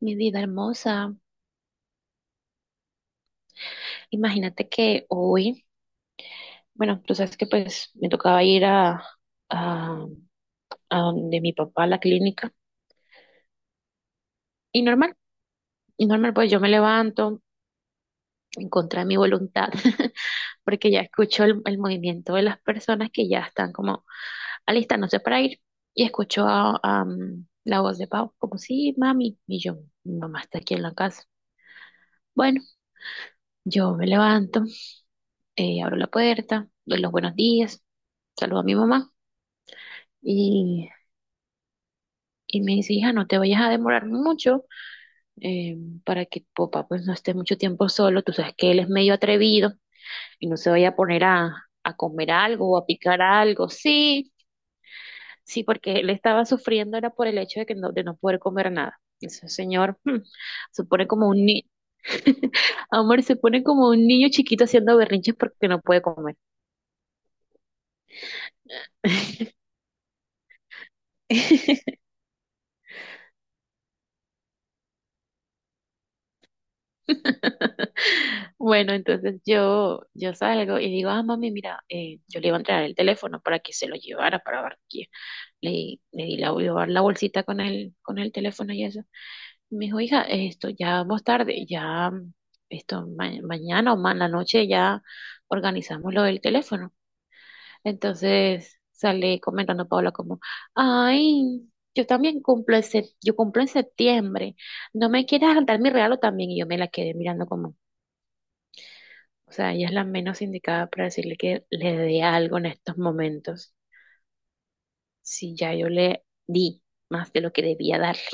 Mi vida hermosa, imagínate que hoy, bueno, tú sabes que pues me tocaba ir a, a donde mi papá, a la clínica, y normal, y normal, pues yo me levanto en contra de mi voluntad, porque ya escucho el movimiento de las personas que ya están como alistándose para ir, y escucho a la voz de Pau, como, sí, mami, y yo, mi mamá está aquí en la casa. Bueno, yo me levanto. Abro la puerta, doy los buenos días, saludo a mi mamá y, y me dice, hija, no te vayas a demorar mucho, eh, para que tu papá pues no esté mucho tiempo solo. Tú sabes que él es medio atrevido y no se vaya a poner a comer algo o a picar algo. Sí, sí, porque él estaba sufriendo era por el hecho de que no, de no poder comer nada. Ese señor se pone como un niño. Amor, se pone como un niño chiquito haciendo berrinches porque no puede comer. Bueno, entonces yo salgo y digo, ah, mami, mira, yo le iba a entregar el teléfono para que se lo llevara para Barranquilla. Le di llevar la bolsita con el teléfono y eso. Y me dijo, hija, esto ya vamos tarde, ya, esto mañana o más en la noche ya organizamos lo del teléfono. Entonces sale comentando Paula como, ay, yo también cumplo, yo cumplo en septiembre, ¿no me quieres dar mi regalo también? Y yo me la quedé mirando como. O sea, ella es la menos indicada para decirle que le dé algo en estos momentos. Si ya yo le di más de lo que debía darle.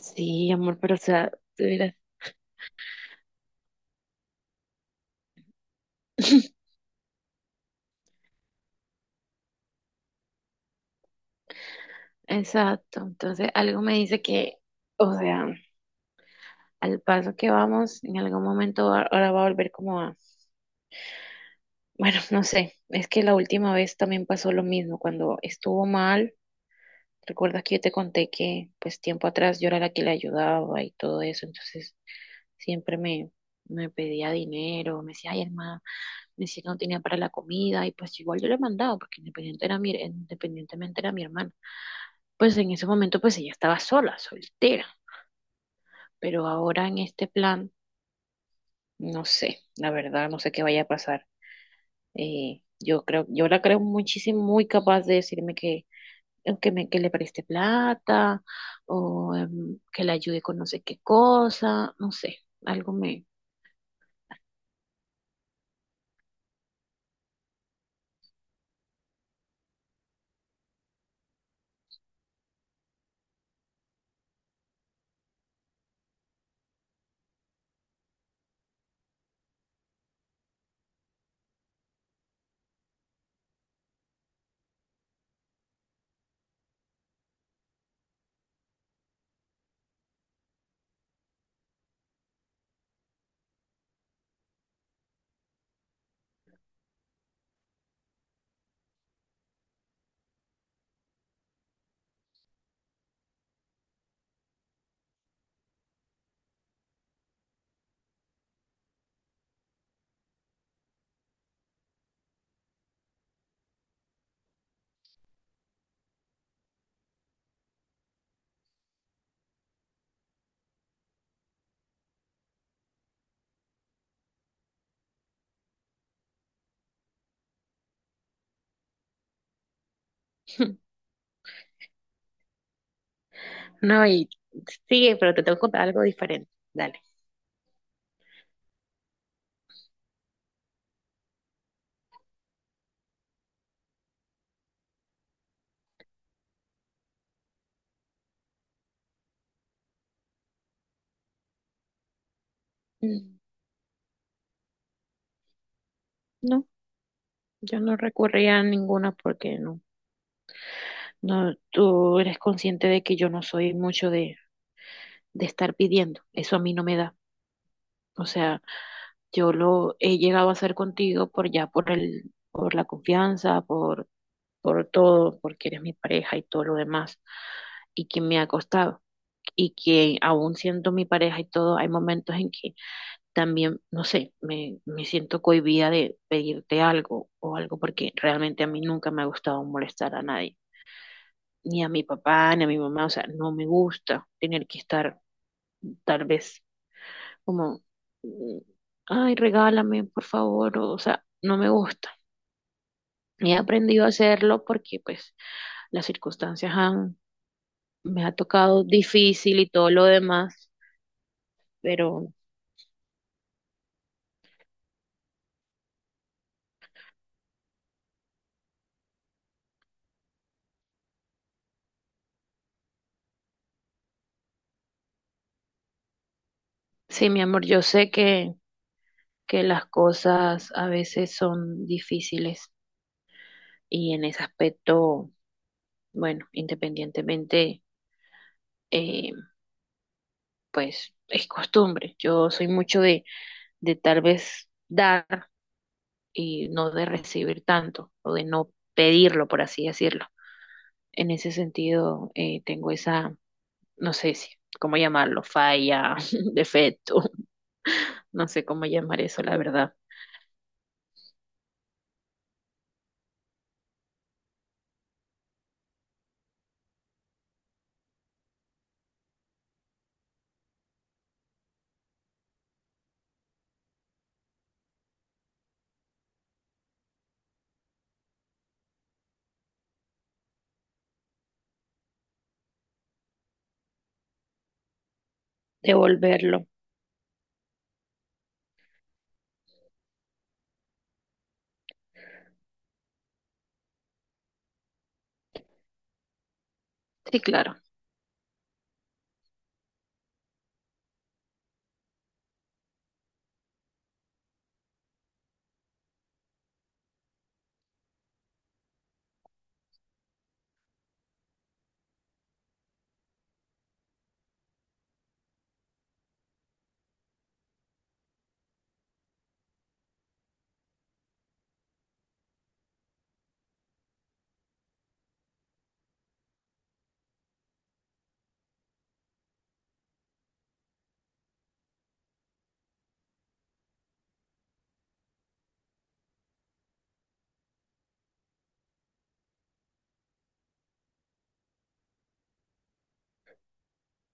Sí, amor, pero o sea, tú dirás. Exacto. Entonces, algo me dice que, o sea, al paso que vamos, en algún momento ahora va a volver como a. Bueno, no sé. Es que la última vez también pasó lo mismo. Cuando estuvo mal, recuerdas que yo te conté que, pues, tiempo atrás yo era la que le ayudaba y todo eso. Entonces, siempre me pedía dinero, me decía, ay, hermano, me decía que no tenía para la comida, y pues igual yo le mandaba, porque independiente era mi, independientemente era mi hermana. Pues en ese momento, pues ella estaba sola, soltera, pero ahora en este plan, no sé, la verdad, no sé qué vaya a pasar. Yo creo, yo la creo muchísimo, muy capaz de decirme que le preste plata, o que le ayude con no sé qué cosa, no sé, algo me. No, y sigue, pero te tengo que contar algo diferente. Dale. Mm, no, yo no recurría a ninguna porque no, no, tú eres consciente de que yo no soy mucho de estar pidiendo. Eso a mí no me da. O sea, yo lo he llegado a hacer contigo por ya, por la confianza, por todo, porque eres mi pareja y todo lo demás, y que me ha costado. Y que aún siendo mi pareja y todo, hay momentos en que también, no sé, me siento cohibida de pedirte algo o algo porque realmente a mí nunca me ha gustado molestar a nadie, ni a mi papá, ni a mi mamá, o sea, no me gusta tener que estar tal vez como, mm, ay, regálame, por favor, o sea, no me gusta. He aprendido a hacerlo porque pues las circunstancias han, me ha tocado difícil y todo lo demás, pero sí, mi amor, yo sé que las cosas a veces son difíciles y en ese aspecto, bueno, independientemente, eh, pues es costumbre. Yo soy mucho de tal vez dar y no de recibir tanto o de no pedirlo, por así decirlo. En ese sentido, tengo esa, no sé si, cómo llamarlo, falla, defecto, no sé cómo llamar eso, la verdad. Devolverlo. Sí, claro.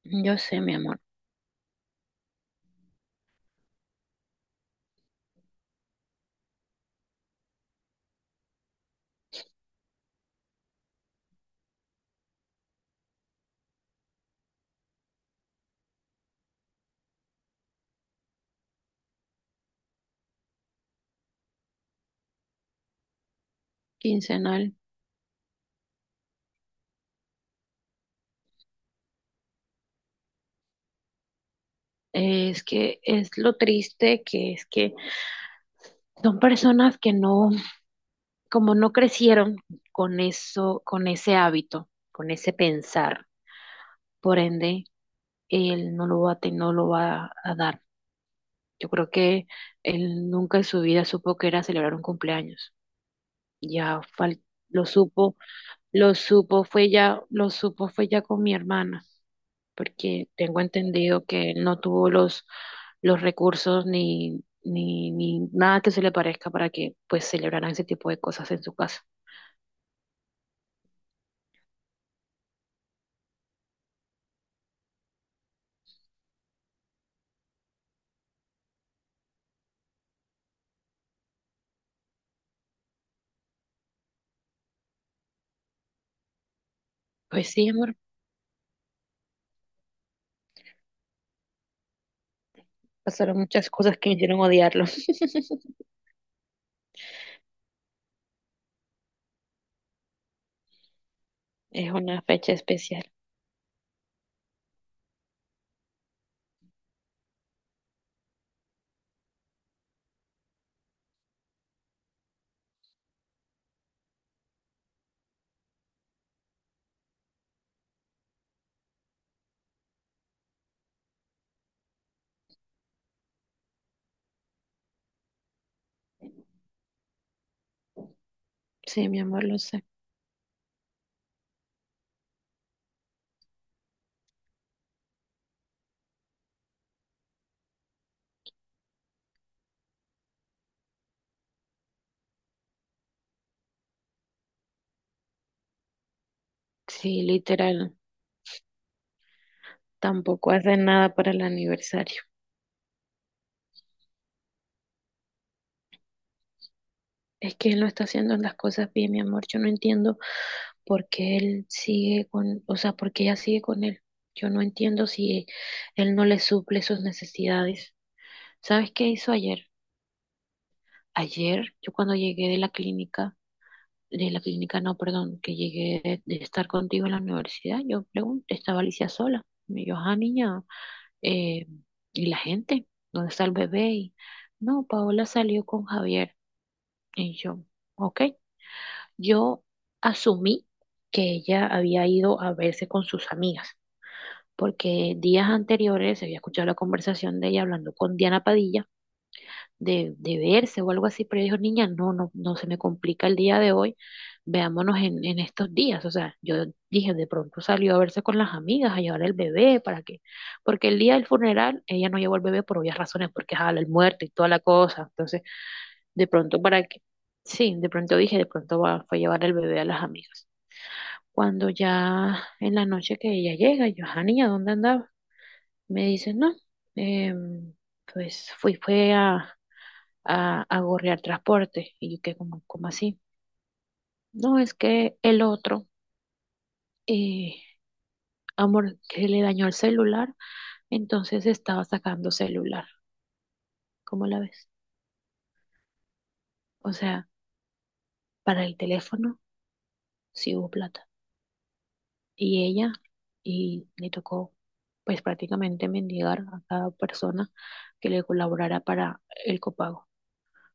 Yo sé, mi amor. Quincenal. Es que es lo triste que es que son personas que no, como no crecieron con eso, con ese hábito, con ese pensar, por ende, él no lo va a, no lo va a dar. Yo creo que él nunca en su vida supo que era celebrar un cumpleaños. Ya fal- lo supo, lo supo, fue ya, lo supo, fue ya con mi hermana. Porque tengo entendido que él no tuvo los recursos ni nada que se le parezca para que pues celebraran ese tipo de cosas en su casa. Pues sí, amor, pasaron muchas cosas que me hicieron odiarlo. Es una fecha especial. Sí, mi amor, lo sé. Sí, literal, tampoco hacen nada para el aniversario. Es que él no está haciendo las cosas bien, mi amor. Yo no entiendo por qué él sigue con, o sea, por qué ella sigue con él. Yo no entiendo si él no le suple sus necesidades. ¿Sabes qué hizo ayer? Ayer, yo cuando llegué de la clínica, no, perdón, que llegué de estar contigo en la universidad, yo pregunté, estaba Alicia sola. Me dijo, ah, niña, eh, ¿y la gente? ¿Dónde está el bebé? Y, no, Paola salió con Javier. Y yo, ok. Yo asumí que ella había ido a verse con sus amigas, porque días anteriores había escuchado la conversación de ella hablando con Diana Padilla de verse o algo así, pero ella dijo, niña, no, no, no se me complica el día de hoy, veámonos en estos días. O sea, yo dije, de pronto salió a verse con las amigas, a llevar el bebé, ¿para qué? Porque el día del funeral ella no llevó el bebé por obvias razones, porque jala el muerto y toda la cosa. Entonces, de pronto, ¿para qué? Sí, de pronto dije, de pronto fue a llevar el bebé a las amigas. Cuando ya en la noche que ella llega, yo, "Ah, niña, ¿dónde andaba? Me dice, no, em, pues fui, fue a gorrear transporte. Y yo, ¿qué como, como así? No, es que el otro, eh, amor, que le dañó el celular, entonces estaba sacando celular. ¿Cómo la ves? O sea, para el teléfono sí hubo plata. Y ella, y le tocó, pues prácticamente mendigar a cada persona que le colaborara para el copago.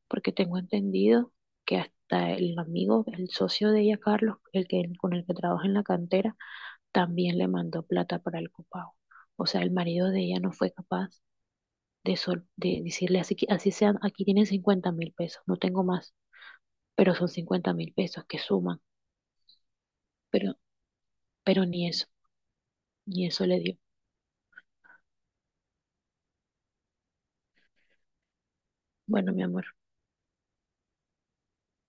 Porque tengo entendido que hasta el amigo, el socio de ella, Carlos, con el que trabaja en la cantera, también le mandó plata para el copago. O sea, el marido de ella no fue capaz de decirle, así, así sean, aquí tienen 50.000 pesos, no tengo más, pero son 50.000 pesos que suman, pero, pero ni eso, ni eso le dio. Bueno, mi amor.